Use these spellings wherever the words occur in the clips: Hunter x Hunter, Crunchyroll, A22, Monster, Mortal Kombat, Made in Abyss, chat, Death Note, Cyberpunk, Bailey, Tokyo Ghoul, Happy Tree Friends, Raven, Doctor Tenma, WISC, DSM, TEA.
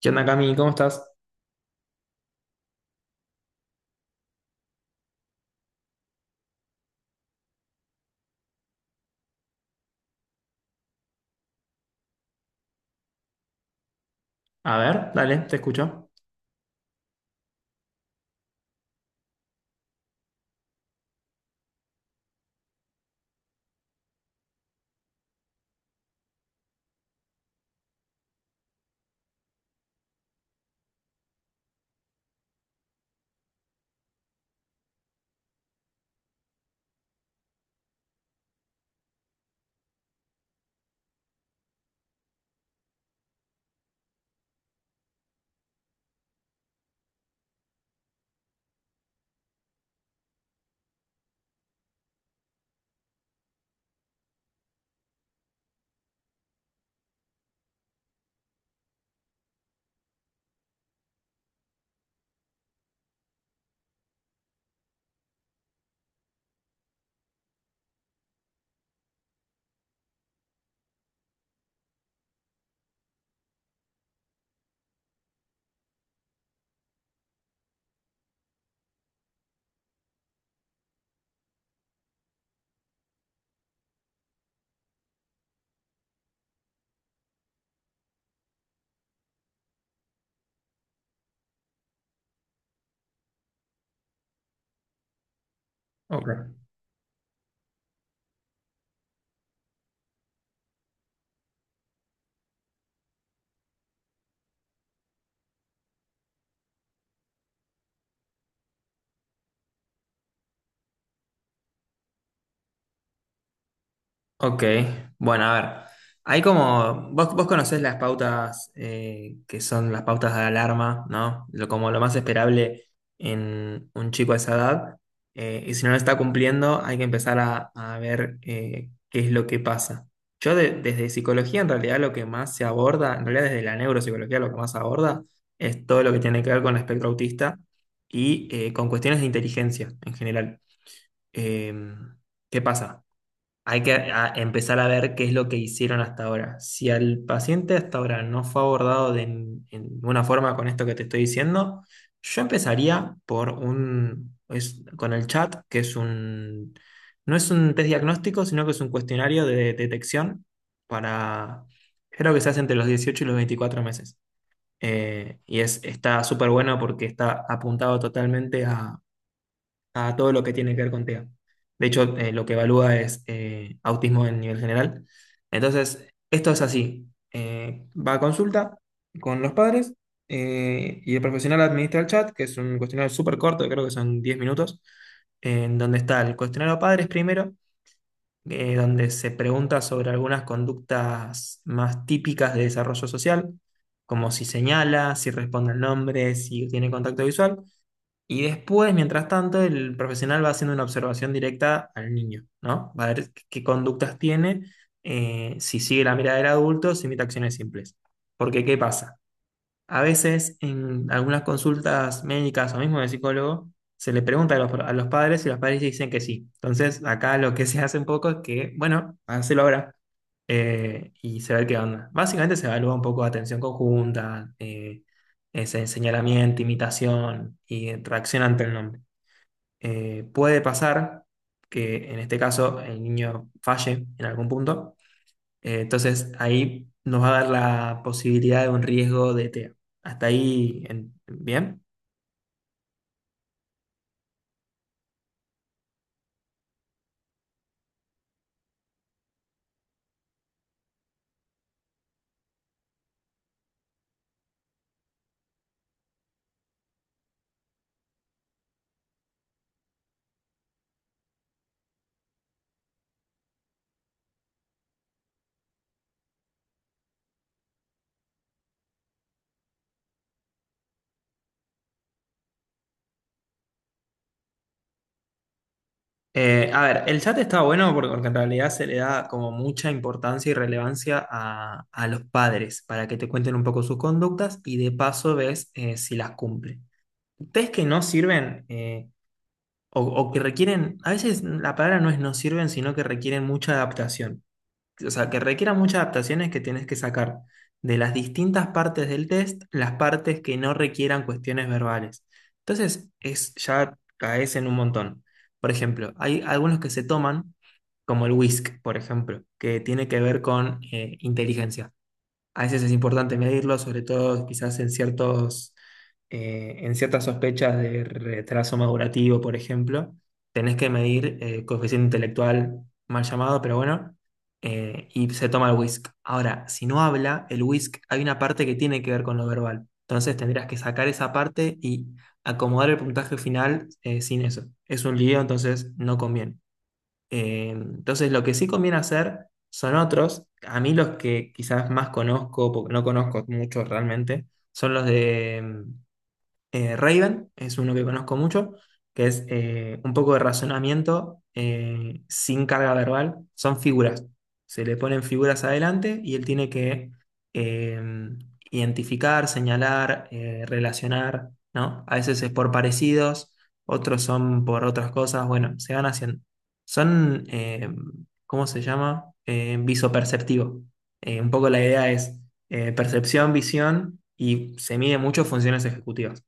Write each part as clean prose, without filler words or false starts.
¿Qué onda, Cami? ¿Cómo estás? A ver, dale, te escucho. Ok. Ok, bueno, a ver. Hay como, vos conocés las pautas que son las pautas de alarma, ¿no? Como lo más esperable en un chico a esa edad. Y si no lo está cumpliendo, hay que empezar a ver qué es lo que pasa. Yo desde psicología, en realidad, lo que más se aborda, en realidad desde la neuropsicología, lo que más se aborda es todo lo que tiene que ver con el espectro autista y con cuestiones de inteligencia en general. Em, ¿Qué pasa? Hay que empezar a ver qué es lo que hicieron hasta ahora. Si al paciente hasta ahora no fue abordado de en ninguna forma con esto que te estoy diciendo, yo empezaría por un, con el chat, que es un, no es un test diagnóstico, sino que es un cuestionario de detección para, creo que se hace entre los 18 y los 24 meses. Y es, está súper bueno porque está apuntado totalmente a todo lo que tiene que ver con TEA. De hecho, lo que evalúa es autismo en nivel general. Entonces, esto es así. Va a consulta con los padres y el profesional administra el chat, que es un cuestionario súper corto, creo que son 10 minutos, en donde está el cuestionario padres primero, donde se pregunta sobre algunas conductas más típicas de desarrollo social, como si señala, si responde el nombre, si tiene contacto visual. Y después, mientras tanto, el profesional va haciendo una observación directa al niño, ¿no? Va a ver qué conductas tiene, si sigue la mirada del adulto, si imita acciones simples. Porque, ¿qué pasa? A veces en algunas consultas médicas o mismo de psicólogo se le pregunta a a los padres y los padres dicen que sí. Entonces acá lo que se hace un poco es que, bueno, hacelo ahora y se ve qué onda. Básicamente se evalúa un poco atención conjunta, ese señalamiento, imitación y reacción ante el nombre. Puede pasar que en este caso el niño falle en algún punto entonces ahí nos va a dar la posibilidad de un riesgo de TEA. Hasta ahí, bien. A ver, el chat está bueno porque en realidad se le da como mucha importancia y relevancia a los padres para que te cuenten un poco sus conductas y de paso ves si las cumplen. Test que no sirven o que requieren, a veces la palabra no es no sirven, sino que requieren mucha adaptación. O sea, que requiera muchas adaptaciones que tienes que sacar de las distintas partes del test, las partes que no requieran cuestiones verbales. Entonces, es, ya caes en un montón. Por ejemplo, hay algunos que se toman, como el WISC, por ejemplo, que tiene que ver con inteligencia. A veces es importante medirlo, sobre todo quizás en ciertos, en ciertas sospechas de retraso madurativo, por ejemplo. Tenés que medir coeficiente intelectual, mal llamado, pero bueno, y se toma el WISC. Ahora, si no habla, el WISC hay una parte que tiene que ver con lo verbal. Entonces tendrías que sacar esa parte y acomodar el puntaje final sin eso. Es un lío, entonces no conviene. Entonces, lo que sí conviene hacer son otros. A mí los que quizás más conozco, porque no conozco muchos realmente, son los de Raven, es uno que conozco mucho, que es un poco de razonamiento sin carga verbal, son figuras. Se le ponen figuras adelante y él tiene que eh, identificar, señalar, relacionar, ¿no? A veces es por parecidos, otros son por otras cosas, bueno, se van haciendo. Son, ¿cómo se llama? Visoperceptivo. Un poco la idea es percepción, visión y se mide mucho funciones ejecutivas.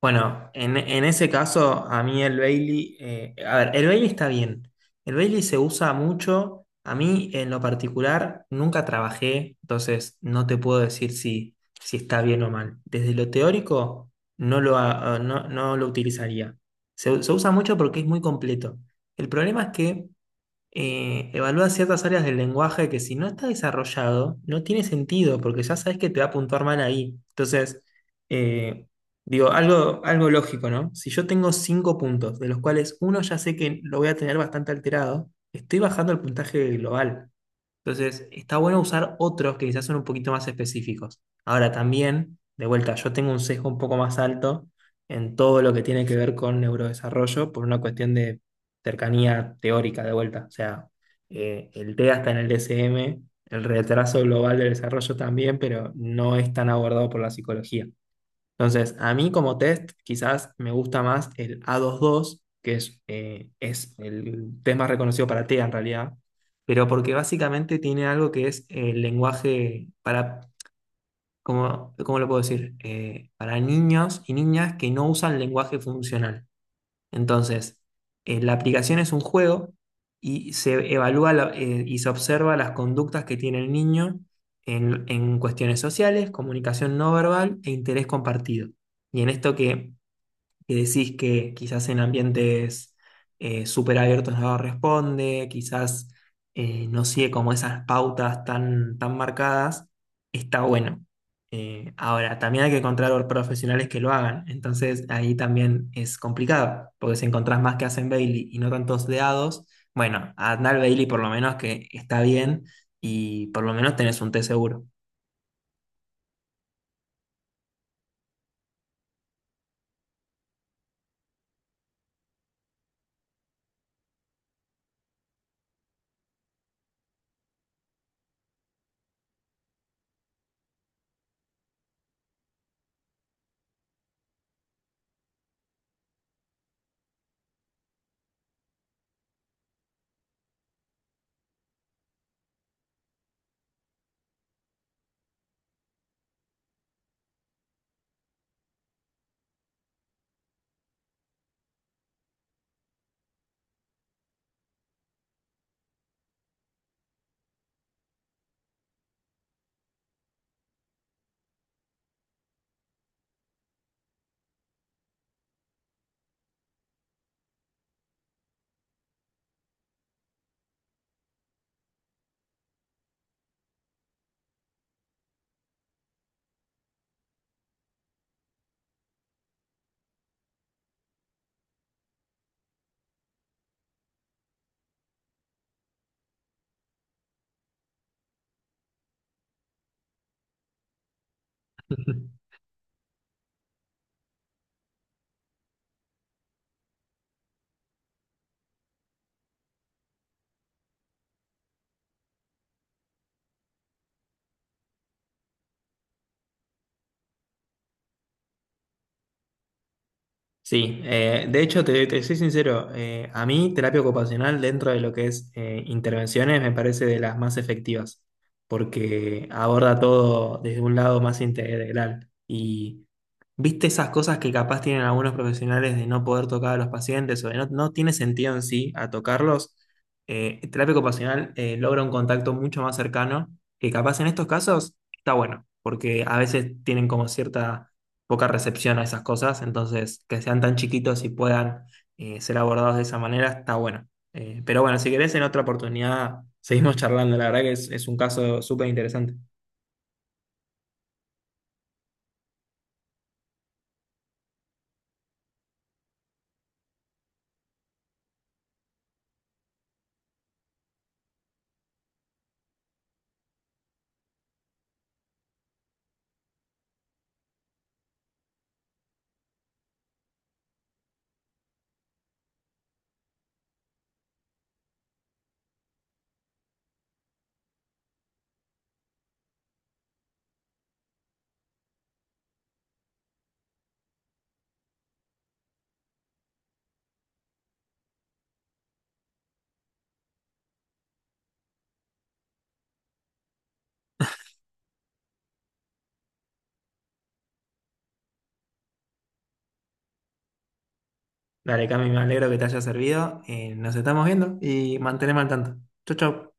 Bueno, en ese caso, a mí el Bailey, a ver, el Bailey está bien. El Bailey se usa mucho. A mí, en lo particular, nunca trabajé, entonces no te puedo decir si, si está bien o mal. Desde lo teórico, no, no lo utilizaría. Se usa mucho porque es muy completo. El problema es que evalúa ciertas áreas del lenguaje que si no está desarrollado, no tiene sentido, porque ya sabes que te va a puntuar mal ahí. Entonces, eh, digo, algo, algo lógico, ¿no? Si yo tengo cinco puntos, de los cuales uno ya sé que lo voy a tener bastante alterado, estoy bajando el puntaje global. Entonces, está bueno usar otros que quizás son un poquito más específicos. Ahora también, de vuelta, yo tengo un sesgo un poco más alto en todo lo que tiene que ver con neurodesarrollo por una cuestión de cercanía teórica de vuelta. O sea, el TEA está en el DSM, el retraso global del desarrollo también, pero no es tan abordado por la psicología. Entonces, a mí como test quizás me gusta más el A22, que es el test más reconocido para TEA en realidad, pero porque básicamente tiene algo que es el lenguaje para... ¿¿Cómo lo puedo decir? Para niños y niñas que no usan lenguaje funcional. Entonces, la aplicación es un juego y se evalúa y se observa las conductas que tiene el niño en cuestiones sociales, comunicación no verbal e interés compartido. Y en esto que decís que quizás en ambientes súper abiertos no responde, quizás no sigue como esas pautas tan, tan marcadas, está bueno. Ahora, también hay que encontrar profesionales que lo hagan, entonces ahí también es complicado, porque si encontrás más que hacen Bailey y no tantos deados, bueno, Adnal Bailey por lo menos que está bien y por lo menos tenés un té seguro. Sí, de hecho, te soy sincero, a mí terapia ocupacional dentro de lo que es intervenciones me parece de las más efectivas, porque aborda todo desde un lado más integral. Y viste esas cosas que capaz tienen algunos profesionales de no poder tocar a los pacientes o de no tiene sentido en sí a tocarlos, terapia ocupacional logra un contacto mucho más cercano, que capaz en estos casos está bueno, porque a veces tienen como cierta poca recepción a esas cosas, entonces que sean tan chiquitos y puedan ser abordados de esa manera está bueno. Pero bueno, si querés en otra oportunidad seguimos charlando, la verdad que es un caso súper interesante. Dale, Cami, me alegro que te haya servido, nos estamos viendo y mantenemos al tanto. Chau, chau.